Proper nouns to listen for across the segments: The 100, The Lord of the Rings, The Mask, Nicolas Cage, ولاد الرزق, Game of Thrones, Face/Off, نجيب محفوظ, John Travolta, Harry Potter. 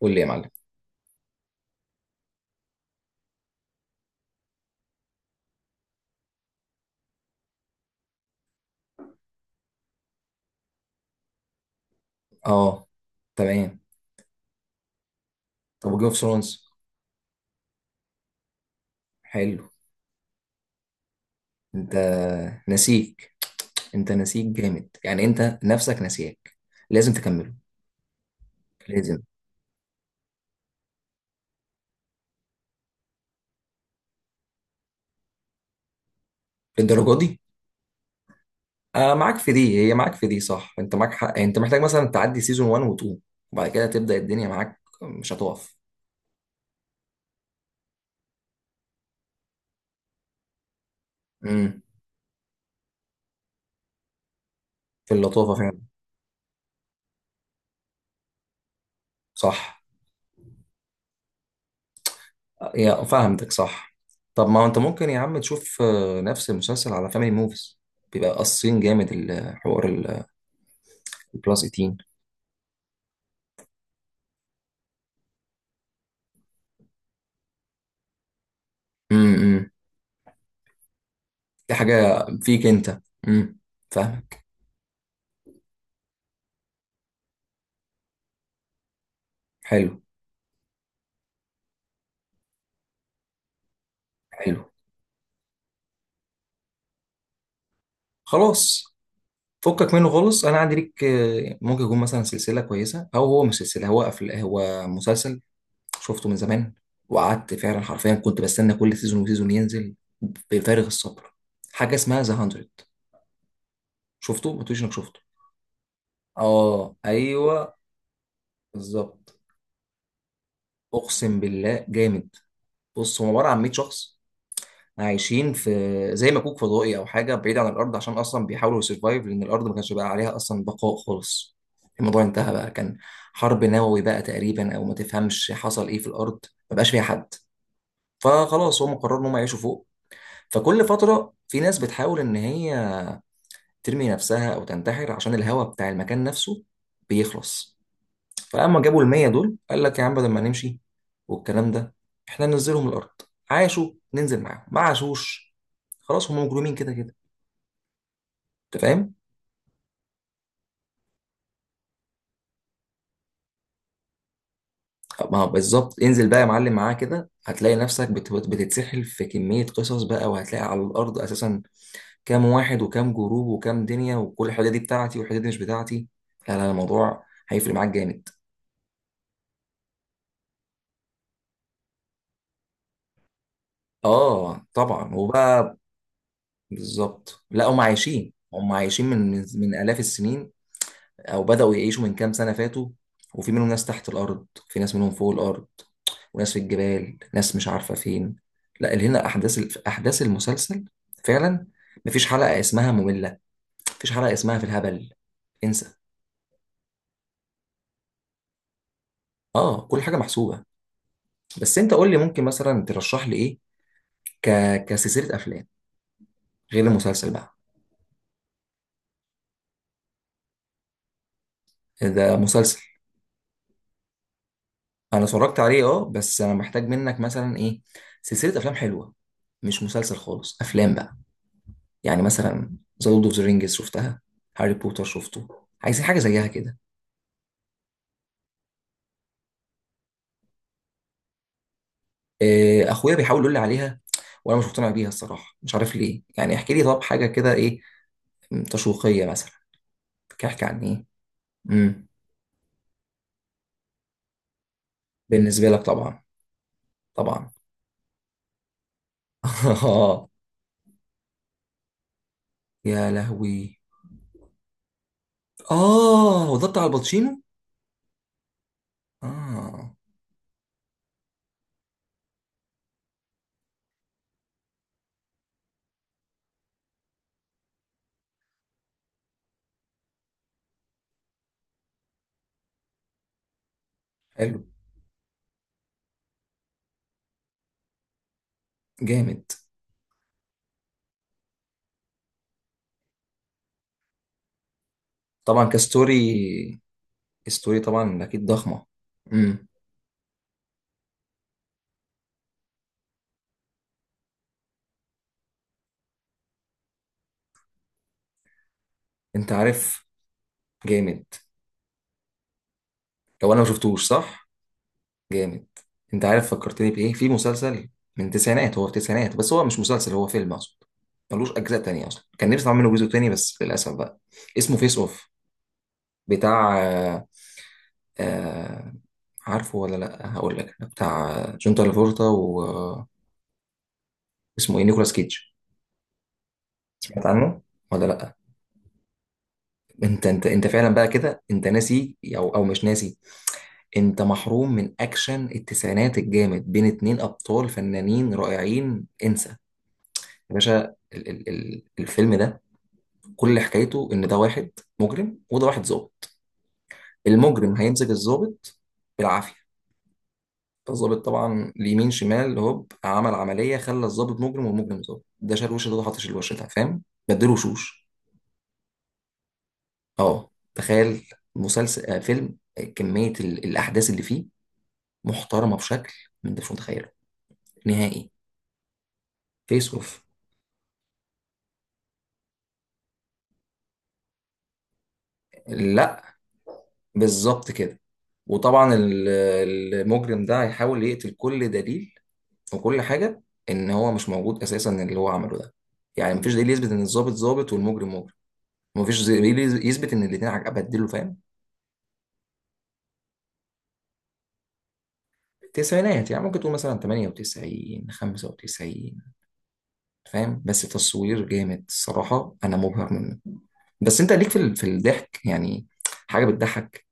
قول لي يا معلم. اه، تمام. طب جيم اوف ثرونز؟ حلو. انت نسيك انت نسيك جامد، يعني انت نفسك نسيك، لازم تكمله. لازم. الدرجه دي؟ معاك في دي، هي معاك في دي، صح، انت معاك حق. يعني انت محتاج مثلا تعدي سيزون 1 و 2، وبعد كده تبدا الدنيا معاك مش هتقف. امم في اللطافه فعلا. صح. آه، يا فاهمتك، صح. طب ما انت ممكن يا عم تشوف نفس المسلسل على فاميلي موفيز، بيبقى قاصين جامد الحوار، البلس 18. امم دي حاجة فيك انت. امم فاهمك. حلو. حلو، خلاص، فكك منه خالص. انا عندي ليك ممكن يكون مثلا سلسلة كويسة، او هو مش سلسلة، هو هو مسلسل، شفته من زمان، وقعدت فعلا حرفيا كنت بستنى كل سيزون وسيزون ينزل بفارغ الصبر. حاجة اسمها ذا 100. شفته؟ ما تقوليش انك شفته. اه، ايوه، بالظبط. اقسم بالله جامد. بص، هو عبارة عن 100 شخص عايشين في زي مكوك فضائي او حاجه بعيد عن الارض، عشان اصلا بيحاولوا يسرفايف، لان الارض ما كانش بقى عليها اصلا بقاء خالص، الموضوع انتهى بقى، كان حرب نووي بقى تقريبا او ما تفهمش حصل ايه في الارض، ما بقاش فيها حد. فخلاص هم قرروا ان هم يعيشوا فوق، فكل فتره في ناس بتحاول ان هي ترمي نفسها او تنتحر عشان الهواء بتاع المكان نفسه بيخلص. فلما جابوا المية دول، قال لك يا عم بدل ما نمشي والكلام ده، احنا ننزلهم الارض، عاشوا ننزل معاهم، ما عاشوش خلاص هم مجرمين كده كده. انت فاهم. ما هو بالظبط، انزل بقى يا معلم معاه كده، هتلاقي نفسك بتتسحل في كمية قصص بقى، وهتلاقي على الأرض أساسا كام واحد، وكام جروب، وكام دنيا، وكل الحاجات دي بتاعتي والحاجات دي مش بتاعتي. لا، لا، الموضوع هيفرق معاك جامد. اه، طبعا، وبقى بالظبط، لا، هم عايشين من آلاف السنين، او بدأوا يعيشوا من كام سنة فاتوا، وفي منهم ناس تحت الارض، في ناس منهم فوق الارض، وناس في الجبال، ناس مش عارفة فين. لا، اللي هنا احداث المسلسل فعلا، مفيش حلقة اسمها مملة، مفيش حلقة اسمها في الهبل، انسى. اه، كل حاجة محسوبة. بس انت قول لي، ممكن مثلا ترشح لي ايه، ك... كسلسلة افلام، غير المسلسل بقى. ده مسلسل، انا اتفرجت عليه، اه، بس انا محتاج منك مثلا ايه، سلسلة افلام حلوة، مش مسلسل خالص، افلام بقى. يعني مثلا ذا لورد اوف ذا رينجز شفتها، هاري بوتر شفته، عايزين حاجه زيها كده. اخويا بيحاول يقول لي عليها، وانا مش مقتنع بيها الصراحه، مش عارف ليه، يعني احكي لي طب حاجه كده ايه، تشويقيه مثلا، كان احكي عن ايه. امم بالنسبه لك طبعا. طبعا. آه، يا لهوي. اه، هو ده بتاع الباتشينو. اه. حلو. جامد. طبعا، كستوري. ستوري طبعا اكيد ضخمه. امم انت عارف. جامد. لو انا ما شفتوش، صح؟ جامد. انت عارف فكرتني بايه؟ في مسلسل من التسعينات، هو في التسعينات، بس هو مش مسلسل، هو فيلم اقصد، ملوش اجزاء تانية، اصلا كان نفسي اعمل منه جزء تاني بس للاسف بقى. اسمه فيس اوف، بتاع آه، عارفه ولا لا؟ هقول لك بتاع جون ترافولتا، واسمه ايه، نيكولاس كيدج. سمعت عنه ولا لا؟ انت، انت فعلا بقى كده، انت ناسي او مش ناسي. انت محروم من اكشن التسعينات الجامد، بين اتنين ابطال فنانين رائعين، انسى. يا باشا، ال ال ال الفيلم ده كل حكايته ان ده واحد مجرم وده واحد ظابط. المجرم هيمسك الظابط بالعافيه، فالظابط طبعا اليمين شمال هوب عمل عمليه خلى الظابط مجرم والمجرم ظابط، ده شال وش ده، حاطش الوش ده، فاهم؟ بدله وشوش. اه، تخيل. مسلسل آه فيلم، كميه الاحداث اللي فيه محترمه بشكل ما انتش متخيله نهائي. فيس اوف. لا، بالظبط كده. وطبعا المجرم ده هيحاول يقتل كل دليل وكل حاجه، ان هو مش موجود اساسا اللي هو عمله ده. يعني مفيش دليل يثبت ان الظابط ظابط والمجرم مجرم، مفيش دليل يثبت ان الاثنين بدلوا، فاهم؟ التسعينات، يعني ممكن تقول مثلا 98، 95، فاهم، بس تصوير جامد الصراحه، انا مبهر منه. بس انت ليك في في الضحك يعني؟ حاجه بتضحك؟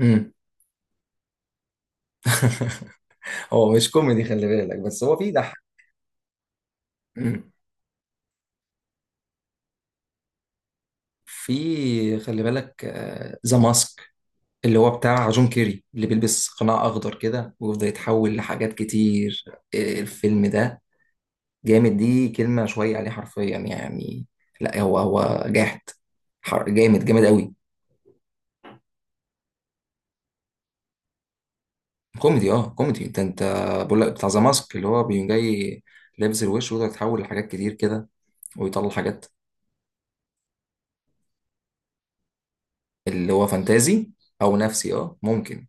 امم هو مش كوميدي خلي بالك، بس هو فيه ضحك. امم في، خلي بالك، ذا ماسك، اللي هو بتاع جون كيري، اللي بيلبس قناع أخضر كده ويفضل يتحول لحاجات كتير. الفيلم ده جامد، دي كلمة شوية عليه حرفيا يعني، لا هو جاحد، جامد، جامد قوي. كوميدي، اه، كوميدي، انت بقول لك بتاع ذا ماسك اللي هو بيقوم جاي لابس الوش ويقدر يتحول لحاجات كتير كده ويطلع حاجات. اللي هو فانتازي او نفسي، اه، ممكن.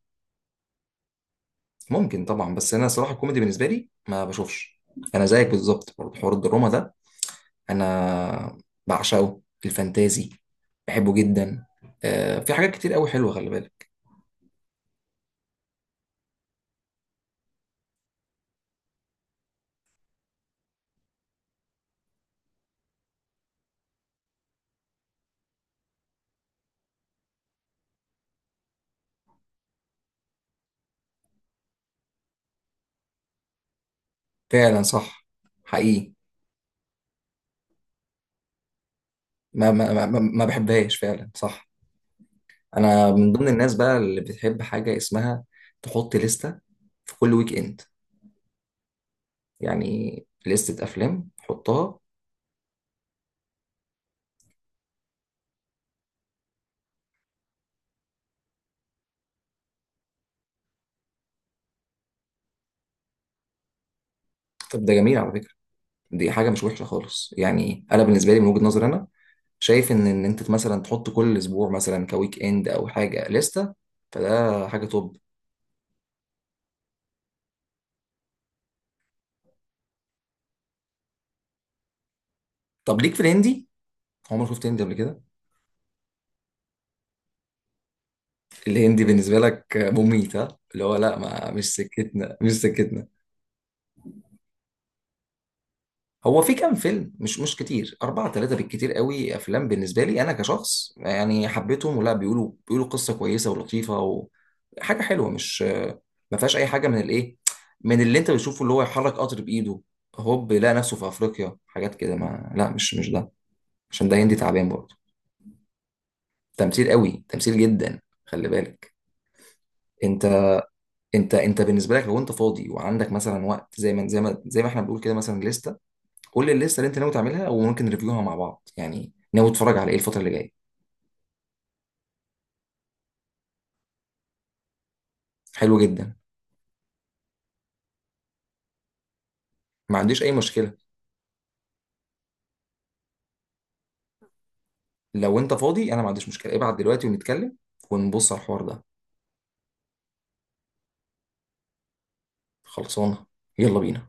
ممكن طبعا، بس انا صراحة الكوميدي بالنسبة لي ما بشوفش، انا زيك بالظبط برضه، حوار الدراما ده انا بعشقه. الفانتازي بحبه جدا. في حاجات كتير قوي حلوه، خلي بالك. فعلا صح، حقيقي. ما بحبهاش فعلا، صح. انا من ضمن الناس بقى اللي بتحب حاجه اسمها تحط لستة في كل ويك اند، يعني لستة افلام حطها. طب ده جميل على فكره، دي حاجه مش وحشه خالص، يعني انا بالنسبه لي من وجهه نظري انا شايف ان انت مثلا تحط كل اسبوع مثلا كويك اند او حاجه لستة، فده حاجه توب. طب ليك في الهندي، عمر شفت هندي قبل كده؟ الهندي بالنسبه لك مميت، ها؟ اللي هو لا، ما مش سكتنا، مش سكتنا. هو في كام فيلم، مش كتير، أربعة، ثلاثة بالكتير قوي، أفلام بالنسبة لي أنا كشخص يعني حبيتهم، ولا بيقولوا قصة كويسة ولطيفة وحاجة حلوة، مش ما فيهاش أي حاجة من الإيه، من اللي أنت بتشوفه، اللي هو يحرك قطر بإيده هوب يلاقي نفسه في أفريقيا، حاجات كده ما، لا مش ده، عشان ده هندي تعبان برضه. تمثيل قوي، تمثيل جدا، خلي بالك. انت، انت بالنسبه لك لو انت فاضي وعندك مثلا وقت، زي ما احنا بنقول كده، مثلا لسته، قول لي الليسته اللي انت ناوي تعملها وممكن نريفيوها مع بعض، يعني ناوي تتفرج على ايه الفتره اللي جايه. حلو جدا. ما عنديش اي مشكله. لو انت فاضي انا ما عنديش مشكله، ابعت دلوقتي ونتكلم ونبص على الحوار ده. خلصانه. يلا بينا.